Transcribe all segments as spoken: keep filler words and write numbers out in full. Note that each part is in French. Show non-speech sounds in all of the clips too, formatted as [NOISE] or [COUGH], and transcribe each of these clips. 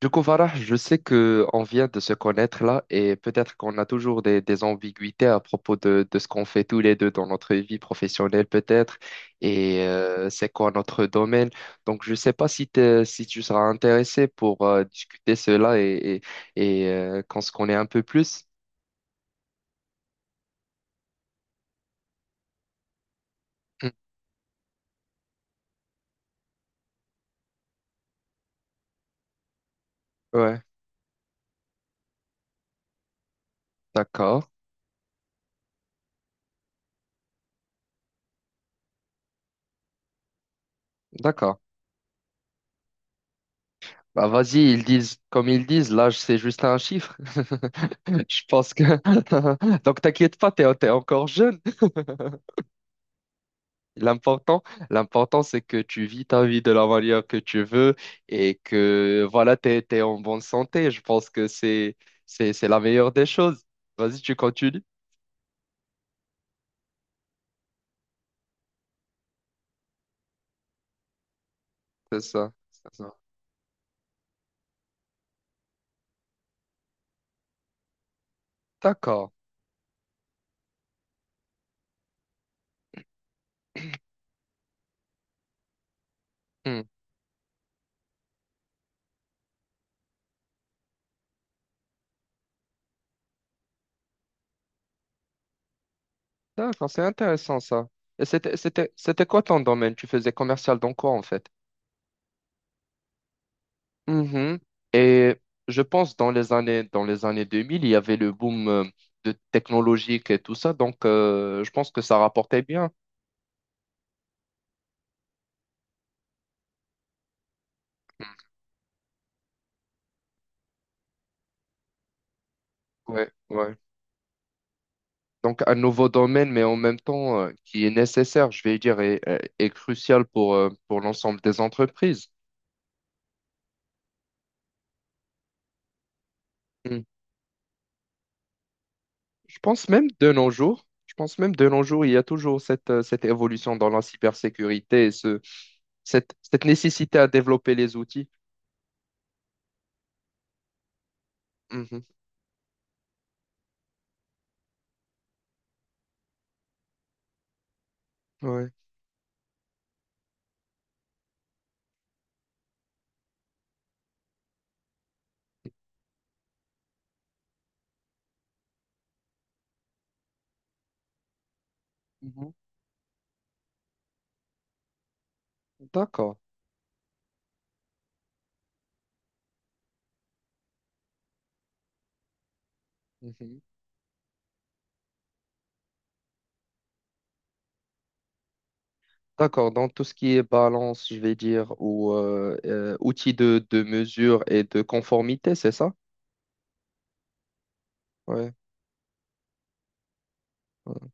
Du coup, Farah, je sais que on vient de se connaître là et peut-être qu'on a toujours des, des ambiguïtés à propos de, de ce qu'on fait tous les deux dans notre vie professionnelle peut-être et euh, c'est quoi notre domaine. Donc, je ne sais pas si, t'es- si tu seras intéressé pour euh, discuter cela et, et, et, euh, qu'on se connaît un peu plus. Hmm. Ouais, d'accord, d'accord. Bah, vas-y, ils disent, comme ils disent, l'âge, c'est juste un chiffre. [LAUGHS] Je pense que [LAUGHS] donc, t'inquiète pas, t'es, t'es encore jeune. L'important, l'important, c'est que tu vis ta vie de la manière que tu veux et que voilà, t'es, t'es en bonne santé. Je pense que c'est, c'est, c'est la meilleure des choses. Vas-y, tu continues. C'est ça. C'est ça. D'accord. Hmm. D'accord, c'est intéressant ça. Et c'était, c'était, c'était quoi ton domaine? Tu faisais commercial dans quoi en fait? Mhm. Et je pense dans les années, dans les années deux mille, il y avait le boom euh, de technologique et tout ça. Donc, euh, je pense que ça rapportait bien. Ouais, ouais. Donc, un nouveau domaine, mais en même temps, euh, qui est nécessaire, je vais dire, et, euh, et crucial pour, euh, pour l'ensemble des entreprises. Hmm. Je pense même de nos jours, je pense même de nos jours, il y a toujours cette, euh, cette évolution dans la cybersécurité et ce, cette, cette nécessité à développer les outils. Mhm. Ouais. Mhm. D'accord. Mhm. D'accord. Dans tout ce qui est balance, je vais dire, ou euh, euh, outils de, de mesure et de conformité, c'est ça? Ouais. Ouais.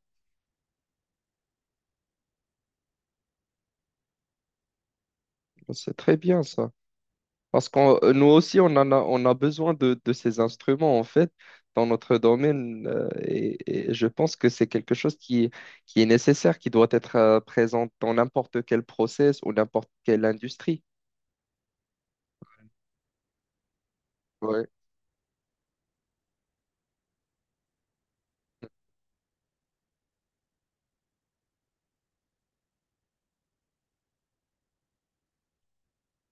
C'est très bien ça. Parce que nous aussi, on en a, on a besoin de, de ces instruments, en fait, dans notre domaine. euh, et, et je pense que c'est quelque chose qui, qui est nécessaire, qui doit être euh, présent dans n'importe quel process ou n'importe quelle industrie. Ouais.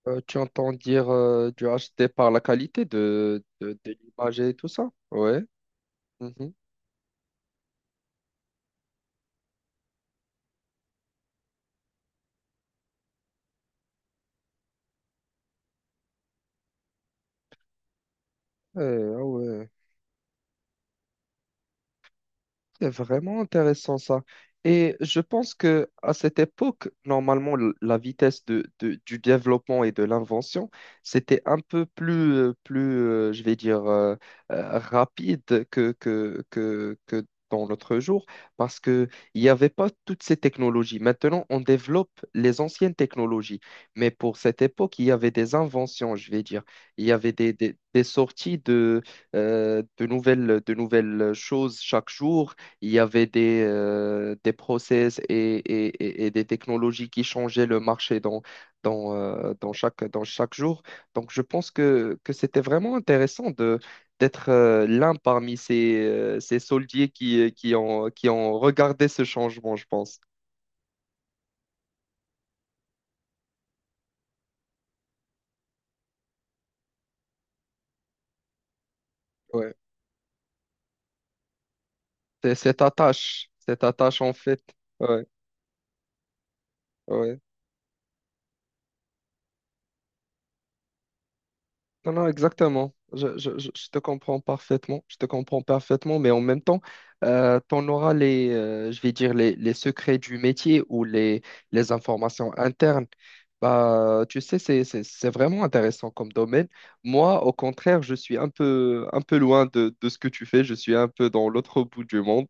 Euh, tu entends dire euh, du H D par la qualité de, de, de l'image et tout ça? Ouais. Mhm. Euh, ah ouais. C'est vraiment intéressant ça. Et je pense que à cette époque, normalement, l- la vitesse de, de- du développement et de l'invention, c'était un peu plus, euh, plus euh, je vais dire, euh, euh, rapide que, que, que, que dans notre jour, parce qu'il n'y avait pas toutes ces technologies. Maintenant, on développe les anciennes technologies. Mais pour cette époque, il y avait des inventions, je vais dire. Il y avait des, des, des sorties de, euh, de nouvelles, de nouvelles choses chaque jour. Il y avait des, euh, des process et, et- et- et des technologies qui changeaient le marché dans, dans, euh, dans chaque, dans chaque jour. Donc, je pense que, que c'était vraiment intéressant de, d'être euh, l'un parmi ces, euh, ces soldiers qui, euh, qui ont, qui ont regardé ce changement, je pense. Ouais. C'est cette attache, cette attache en fait. Ouais, ouais. Non, non, exactement. Je, je- je- je te comprends parfaitement. Je te comprends parfaitement, mais en même temps, tu en auras les, euh, je vais dire, les, les secrets du métier ou les, les informations internes. Bah, tu sais, c'est, c'est, c'est vraiment intéressant comme domaine. Moi, au contraire, je suis un peu, un peu loin de, de ce que tu fais. Je suis un peu dans l'autre bout du monde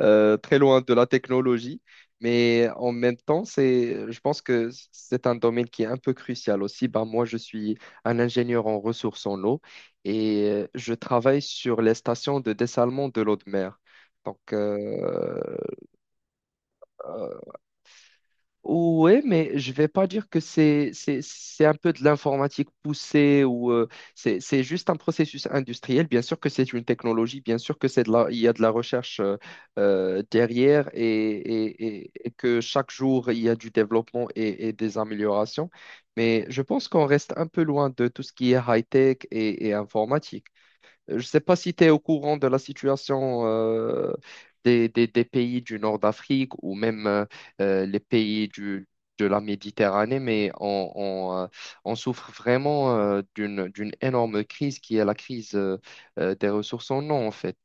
euh, très loin de la technologie, mais en même temps, c'est, je pense que c'est un domaine qui est un peu crucial aussi. Ben, moi, je suis un ingénieur en ressources en eau et euh, je travaille sur les stations de dessalement de l'eau de mer. Donc, euh, oui, mais je vais pas dire que c'est c'est c'est un peu de l'informatique poussée ou euh, c'est c'est juste un processus industriel. Bien sûr que c'est une technologie, bien sûr que c'est de la, il y a de la recherche euh, euh, derrière et, et, et, et que chaque jour il y a du développement et, et des améliorations. Mais je pense qu'on reste un peu loin de tout ce qui est high-tech et, et informatique. Euh, Je ne sais pas si tu es au courant de la situation euh, des, des- des pays du nord d'Afrique ou même euh, euh, les pays du, de la Méditerranée, mais on, on, euh, on souffre vraiment euh, d'une, d'une énorme crise qui est la crise euh, euh, des ressources en eau, en fait.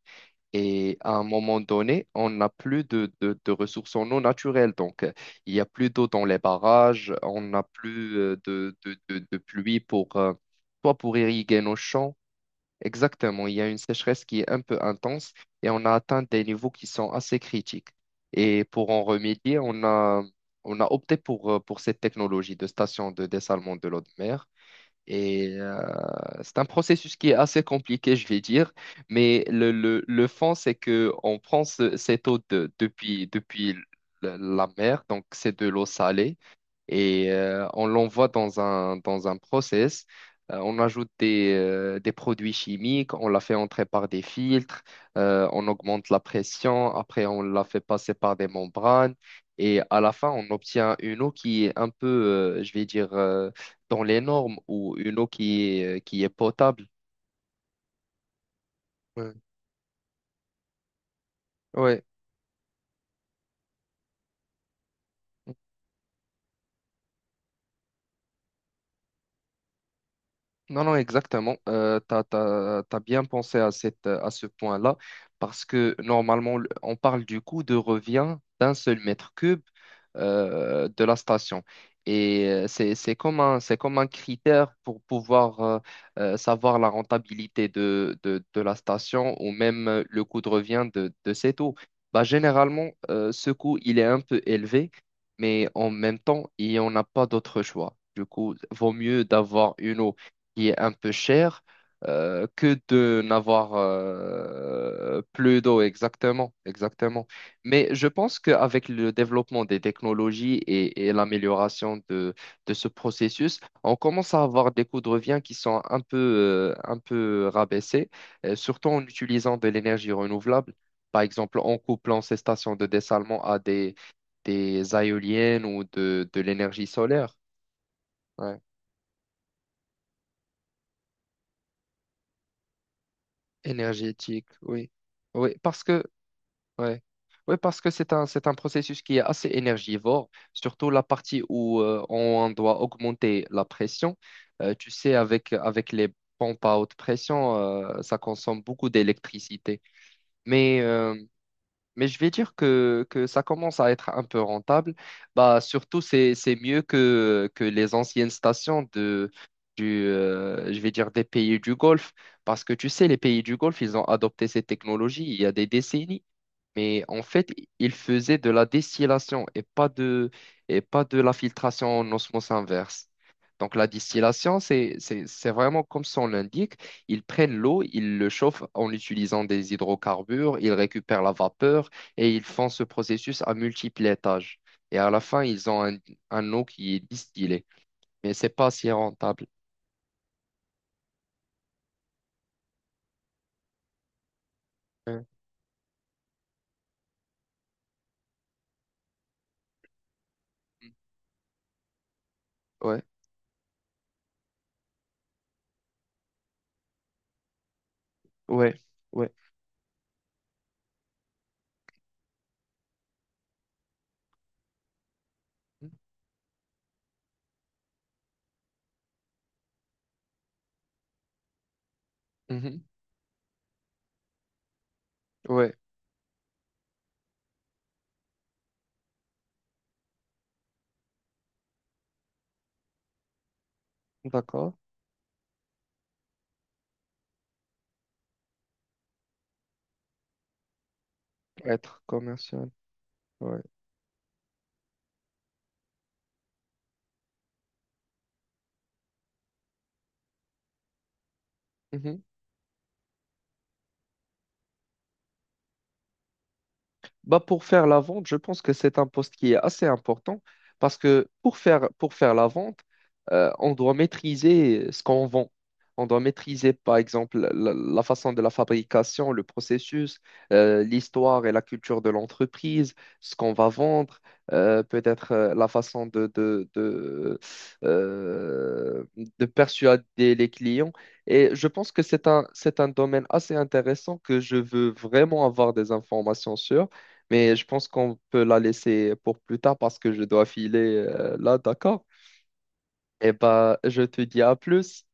Et à un moment donné, on n'a plus de, de- de ressources en eau naturelles. Donc, euh, il n'y a plus d'eau dans les barrages, on n'a plus euh, de, de, de- de pluie pour, euh, soit pour irriguer nos champs. Exactement, il y a une sécheresse qui est un peu intense et on a atteint des niveaux qui sont assez critiques. Et pour en remédier, on a, on a opté pour, euh, pour cette technologie de station de dessalement de l'eau de mer. Et euh, c'est un processus qui est assez compliqué, je vais dire, mais le, le, le fond, c'est que on prend ce- cette eau de- depuis, depuis la la mer, donc c'est de l'eau salée et euh, on l'envoie dans un, dans un process. Euh, on ajoute des, euh, des produits chimiques, on la fait entrer par des filtres, euh, on augmente la pression, après on la fait passer par des membranes et à la fin on obtient une eau qui est un peu, euh, je vais dire, euh, dans les normes ou une eau qui est, euh, qui est potable. Ouais. Ouais. Non, non, exactement. Euh, tu as, bien pensé à cette, euh, à ce point-là parce que normalement, le- on parle du coût de revient d'un seul mètre cube euh, de la station. Et euh, c'est, c'est comme un, c'est comme un critère pour pouvoir euh, euh, savoir la rentabilité de, de, de la station ou même euh, le coût de revient de, de cette eau. Bah, généralement, euh, ce coût, il est un peu élevé, mais en même temps, il n'y en a pas d'autre choix. Du coup, vaut mieux d'avoir une eau qui est un peu cher euh, que de n'avoir euh, plus d'eau. Exactement, exactement. Mais je pense qu'avec le développement des technologies et, et l'amélioration de, de ce processus, on commence à avoir des coûts de revient qui sont un peu, euh, un peu rabaissés, euh, surtout en utilisant de l'énergie renouvelable. Par exemple, en couplant ces stations de dessalement à des, des éoliennes ou de, de l'énergie solaire. Ouais. Énergétique, oui. Oui, parce que, ouais. Oui, parce que c'est un, c'est un processus qui est assez énergivore, surtout la partie où euh, on doit augmenter la pression. Euh, tu sais, avec, avec les pompes à haute pression, euh, ça consomme beaucoup d'électricité. Mais euh, mais je vais dire que, que ça commence à être un peu rentable. Bah, surtout, c'est, c'est mieux que, que les anciennes stations de, du, euh, je vais dire des pays du Golfe. Parce que tu sais, les pays du Golfe, ils ont adopté ces technologies il y a des décennies. Mais en fait, il faisait de la distillation et pas de, et pas de la filtration en osmose inverse. Donc la distillation, c'est, c'est, c'est vraiment comme son l'indique. Ils prennent l'eau, ils le chauffent en utilisant des hydrocarbures, ils récupèrent la vapeur et ils font ce processus à multiples étages. Et à la fin, ils ont un, un eau qui est distillée. Mais c'est pas si rentable. Ouais, ouais, ouais. Ouais. Mhm. Ouais, d'accord. Être commercial. Ouais. Mhm. Bah pour faire la vente, je pense que c'est un poste qui est assez important parce que pour faire, pour faire la vente, euh, on doit maîtriser ce qu'on vend. On doit maîtriser, par exemple, la, la façon de la fabrication, le processus, euh, l'histoire et la culture de l'entreprise, ce qu'on va vendre, euh, peut-être euh, la façon de, de, de, euh, de persuader les clients. Et je pense que c'est un, c'est un domaine assez intéressant que je veux vraiment avoir des informations sur. Mais je pense qu'on peut la laisser pour plus tard parce que je dois filer euh, là, d'accord? Eh ben, je te dis à plus.